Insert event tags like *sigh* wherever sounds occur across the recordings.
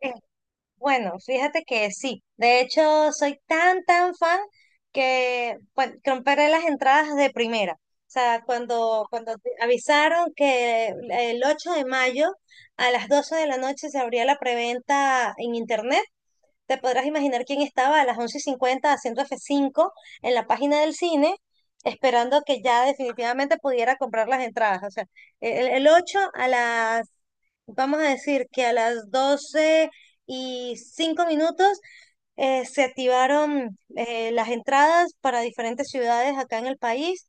Eh, Bueno, fíjate que sí. De hecho, soy tan, tan fan que bueno, compré las entradas de primera. O sea, cuando te avisaron que el 8 de mayo a las 12 de la noche se abría la preventa en internet, te podrás imaginar quién estaba a las once y cincuenta haciendo f cinco en la página del cine, esperando que ya definitivamente pudiera comprar las entradas. O sea, el 8 a vamos a decir que a las 12 y 5 minutos se activaron las entradas para diferentes ciudades acá en el país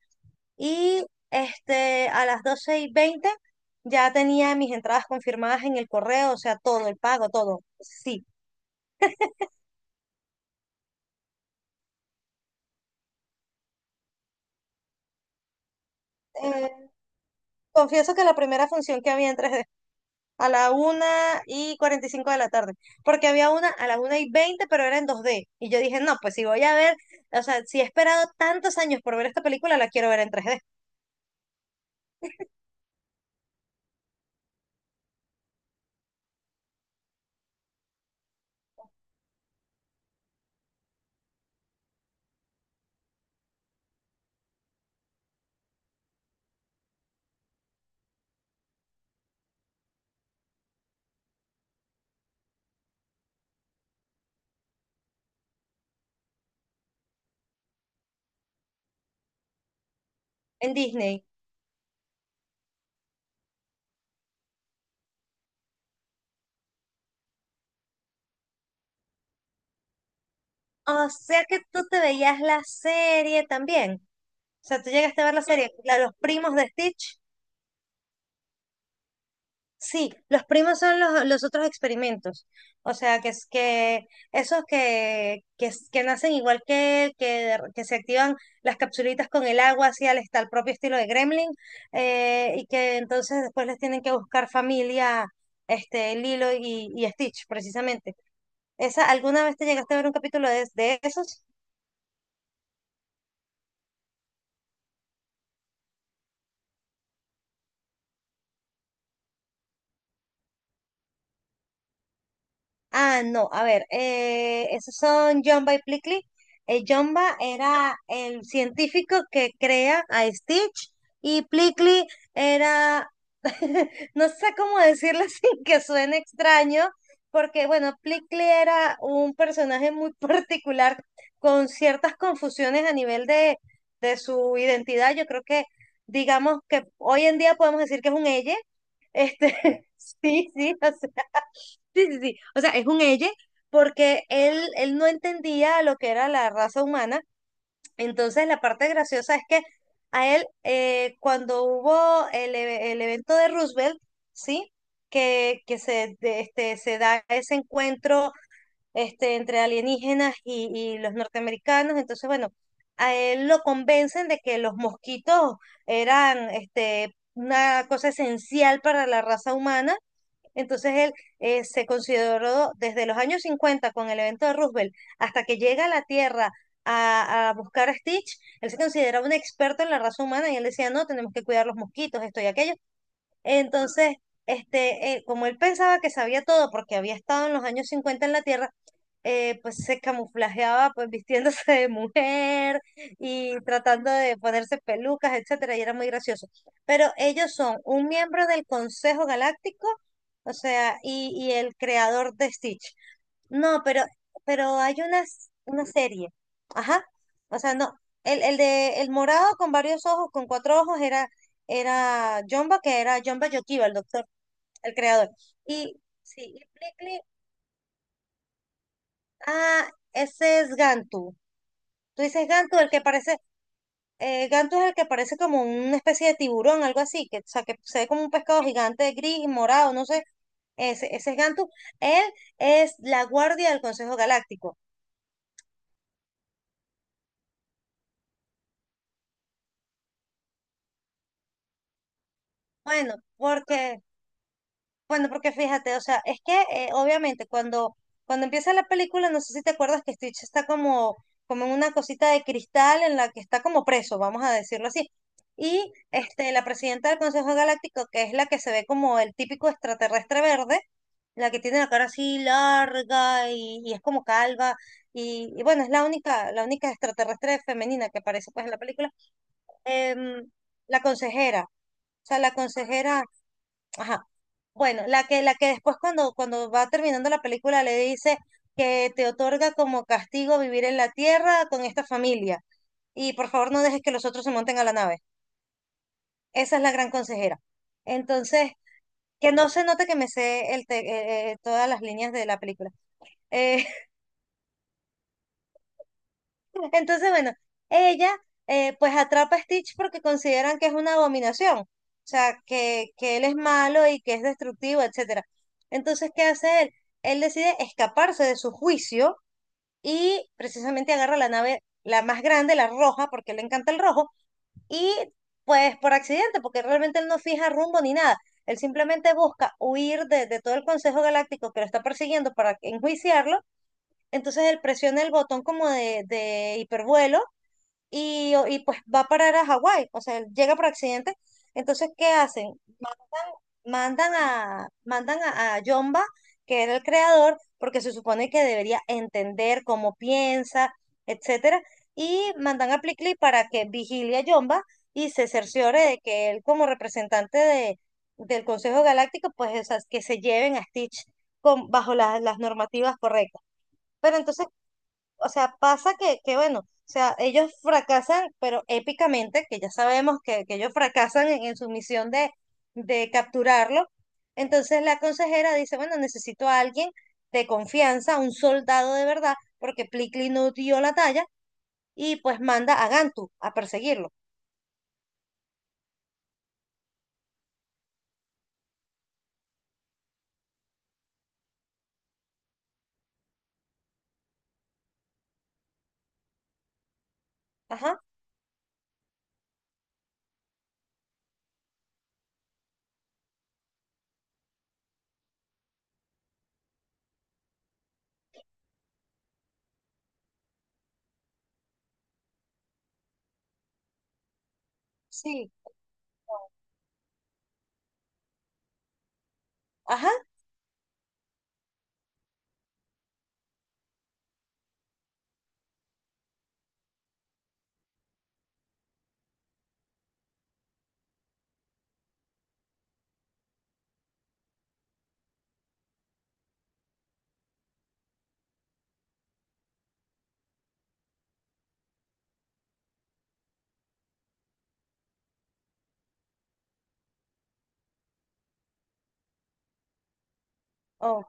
y a las 12 y 20 ya tenía mis entradas confirmadas en el correo, o sea, todo, el pago, todo. Sí. Confieso que la primera función que había en 3D, *laughs* a la una y 45 de la tarde, porque había una a la una y 20 pero era en 2D. Y yo dije, no, pues si voy a ver, o sea, si he esperado tantos años por ver esta película, la quiero ver en 3D, en Disney. O sea que tú te veías la serie también. O sea, tú llegaste a ver la serie, la de los primos de Stitch. Sí, los primos son los otros experimentos. O sea, que esos que nacen igual que él, de que se activan las capsulitas con el agua, al propio estilo de Gremlin, y que entonces después les tienen que buscar familia, Lilo y Stitch, precisamente. ¿Esa, alguna vez te llegaste a ver un capítulo de esos? Ah, no, a ver, esos son Jumba y Plickly. Jumba era el científico que crea a Stitch y Plickly era, *laughs* no sé cómo decirlo *laughs* sin que suene extraño, porque bueno, Plickly era un personaje muy *laughs* particular con ciertas confusiones a nivel de su identidad. Yo creo digamos que hoy en día podemos decir que es un elle. *laughs* Sí, sí, o sea. Sí, sí, sí. O sea, es un ella porque él no entendía lo que era la raza humana. Entonces, la parte graciosa es que a él, cuando hubo el evento de Roosevelt, ¿sí? Que se da ese encuentro entre alienígenas y los norteamericanos. Entonces, bueno, a él lo convencen de que los mosquitos eran una cosa esencial para la raza humana entonces él se consideró desde los años 50 con el evento de Roosevelt hasta que llega a la Tierra a buscar a Stitch, él se consideraba un experto en la raza humana y él decía, no, tenemos que cuidar los mosquitos, esto y aquello. Entonces, como él pensaba que sabía todo porque había estado en los años 50 en la Tierra, pues se camuflajeaba pues vistiéndose de mujer y tratando de ponerse pelucas, etcétera, y era muy gracioso. Pero ellos son un miembro del Consejo Galáctico, o sea, y el creador de Stitch. No, pero hay una, una serie, ajá, o sea, no, el de el morado con varios ojos, con cuatro ojos, era Jumba, que era Jumba Yokiba, el doctor, el creador. Y sí, y Plickly, ah, ese es Gantu. Tú dices gantu, el que parece, gantu es el que parece como una especie de tiburón, algo así, que, o sea, que se ve como un pescado gigante gris, morado, no sé. Ese es Gantu. Él es la guardia del Consejo Galáctico. Bueno, porque, bueno, porque fíjate, o sea, es que obviamente cuando empieza la película, no sé si te acuerdas que Stitch está como en una cosita de cristal en la que está como preso, vamos a decirlo así. Y la presidenta del Consejo Galáctico, que es la que se ve como el típico extraterrestre verde, la que tiene la cara así larga y es como calva. Y bueno, es la única extraterrestre femenina que aparece pues en la película. Em, la consejera. O sea, la consejera, ajá. Bueno, la que después cuando va terminando la película le dice que te otorga como castigo vivir en la tierra con esta familia. Y por favor no dejes que los otros se monten a la nave. Esa es la gran consejera. Entonces, que no se note que me sé todas las líneas de la película. Eh, Entonces, bueno, ella pues atrapa a Stitch porque consideran que es una abominación, o sea, que él es malo y que es destructivo, etcétera. Entonces, ¿qué hace él? Él decide escaparse de su juicio y precisamente agarra la nave, la más grande, la roja, porque le encanta el rojo, y pues por accidente, porque realmente él no fija rumbo ni nada. Él simplemente busca huir de todo el Consejo Galáctico que lo está persiguiendo para enjuiciarlo. Entonces él presiona el botón como de hipervuelo y pues va a parar a Hawái, o sea, él llega por accidente. Entonces, ¿qué hacen? Mandan a Yomba, que era el creador, porque se supone que debería entender cómo piensa, etcétera, y mandan a Plickly para que vigile a Yomba y se cerciore de que él, como representante de, del Consejo Galáctico, pues o sea, que se lleven a Stitch con, bajo las normativas correctas. Pero entonces, o sea, pasa que bueno, o sea, ellos fracasan, pero épicamente, que ya sabemos que ellos fracasan en su misión de capturarlo. Entonces la consejera dice, bueno, necesito a alguien de confianza, un soldado de verdad, porque Plickly no dio la talla, y pues manda a Gantu a perseguirlo. Ajá, sí, ajá, oh,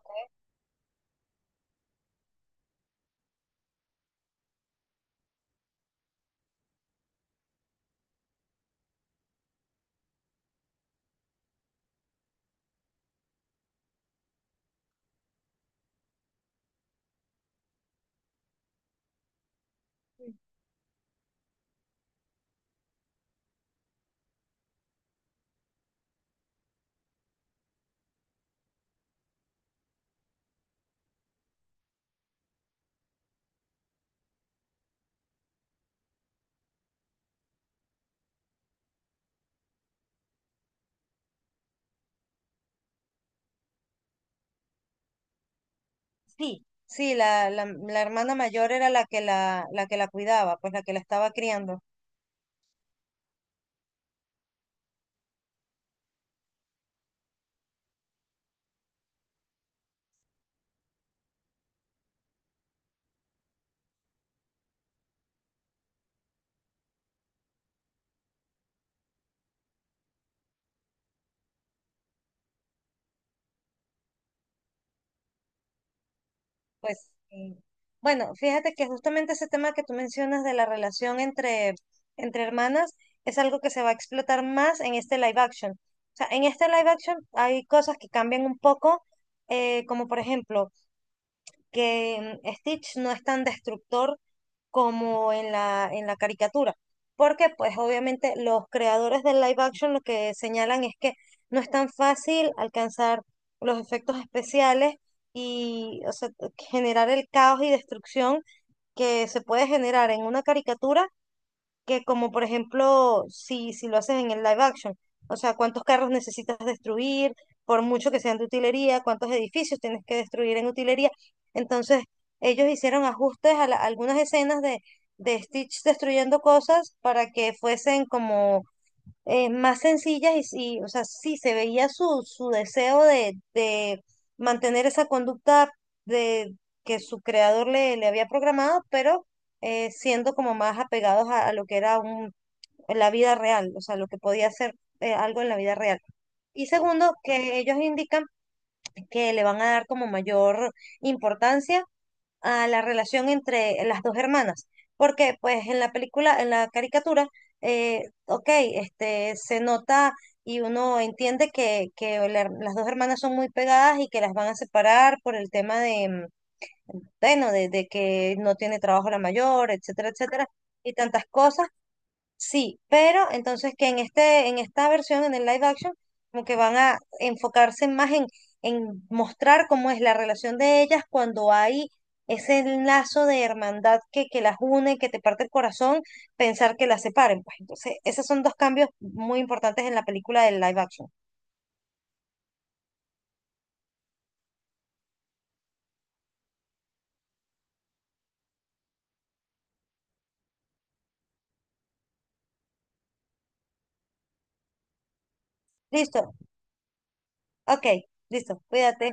sí, sí, la hermana mayor era la que la que la cuidaba, pues la que la estaba criando. Pues sí. Bueno, fíjate que justamente ese tema que tú mencionas de la relación entre, entre hermanas es algo que se va a explotar más en este live action. O sea, en este live action hay cosas que cambian un poco, como por ejemplo, que Stitch no es tan destructor como en la caricatura. Porque pues obviamente los creadores del live action lo que señalan es que no es tan fácil alcanzar los efectos especiales y o sea, generar el caos y destrucción que se puede generar en una caricatura que como por ejemplo, si lo haces en el live action, o sea, cuántos carros necesitas destruir, por mucho que sean de utilería, cuántos edificios tienes que destruir en utilería. Entonces, ellos hicieron ajustes a, algunas escenas de Stitch destruyendo cosas para que fuesen como más sencillas y sí, o sea, sí se veía su, su deseo de mantener esa conducta de que su creador le, le había programado, pero siendo como más apegados a lo que era la vida real, o sea, lo que podía ser algo en la vida real. Y segundo, que ellos indican que le van a dar como mayor importancia a la relación entre las dos hermanas. Porque, pues, en la película, en la caricatura, ok, este, se nota y uno entiende que las dos hermanas son muy pegadas y que las van a separar por el tema de, bueno, de que no tiene trabajo la mayor, etcétera, etcétera, y tantas cosas. Sí, pero entonces que en este, en esta versión, en el live action, como que van a enfocarse más en mostrar cómo es la relación de ellas cuando hay ese lazo de hermandad que las une, que te parte el corazón, pensar que las separen. Pues entonces, esos son dos cambios muy importantes en la película del live action. Listo, ok, listo, cuídate.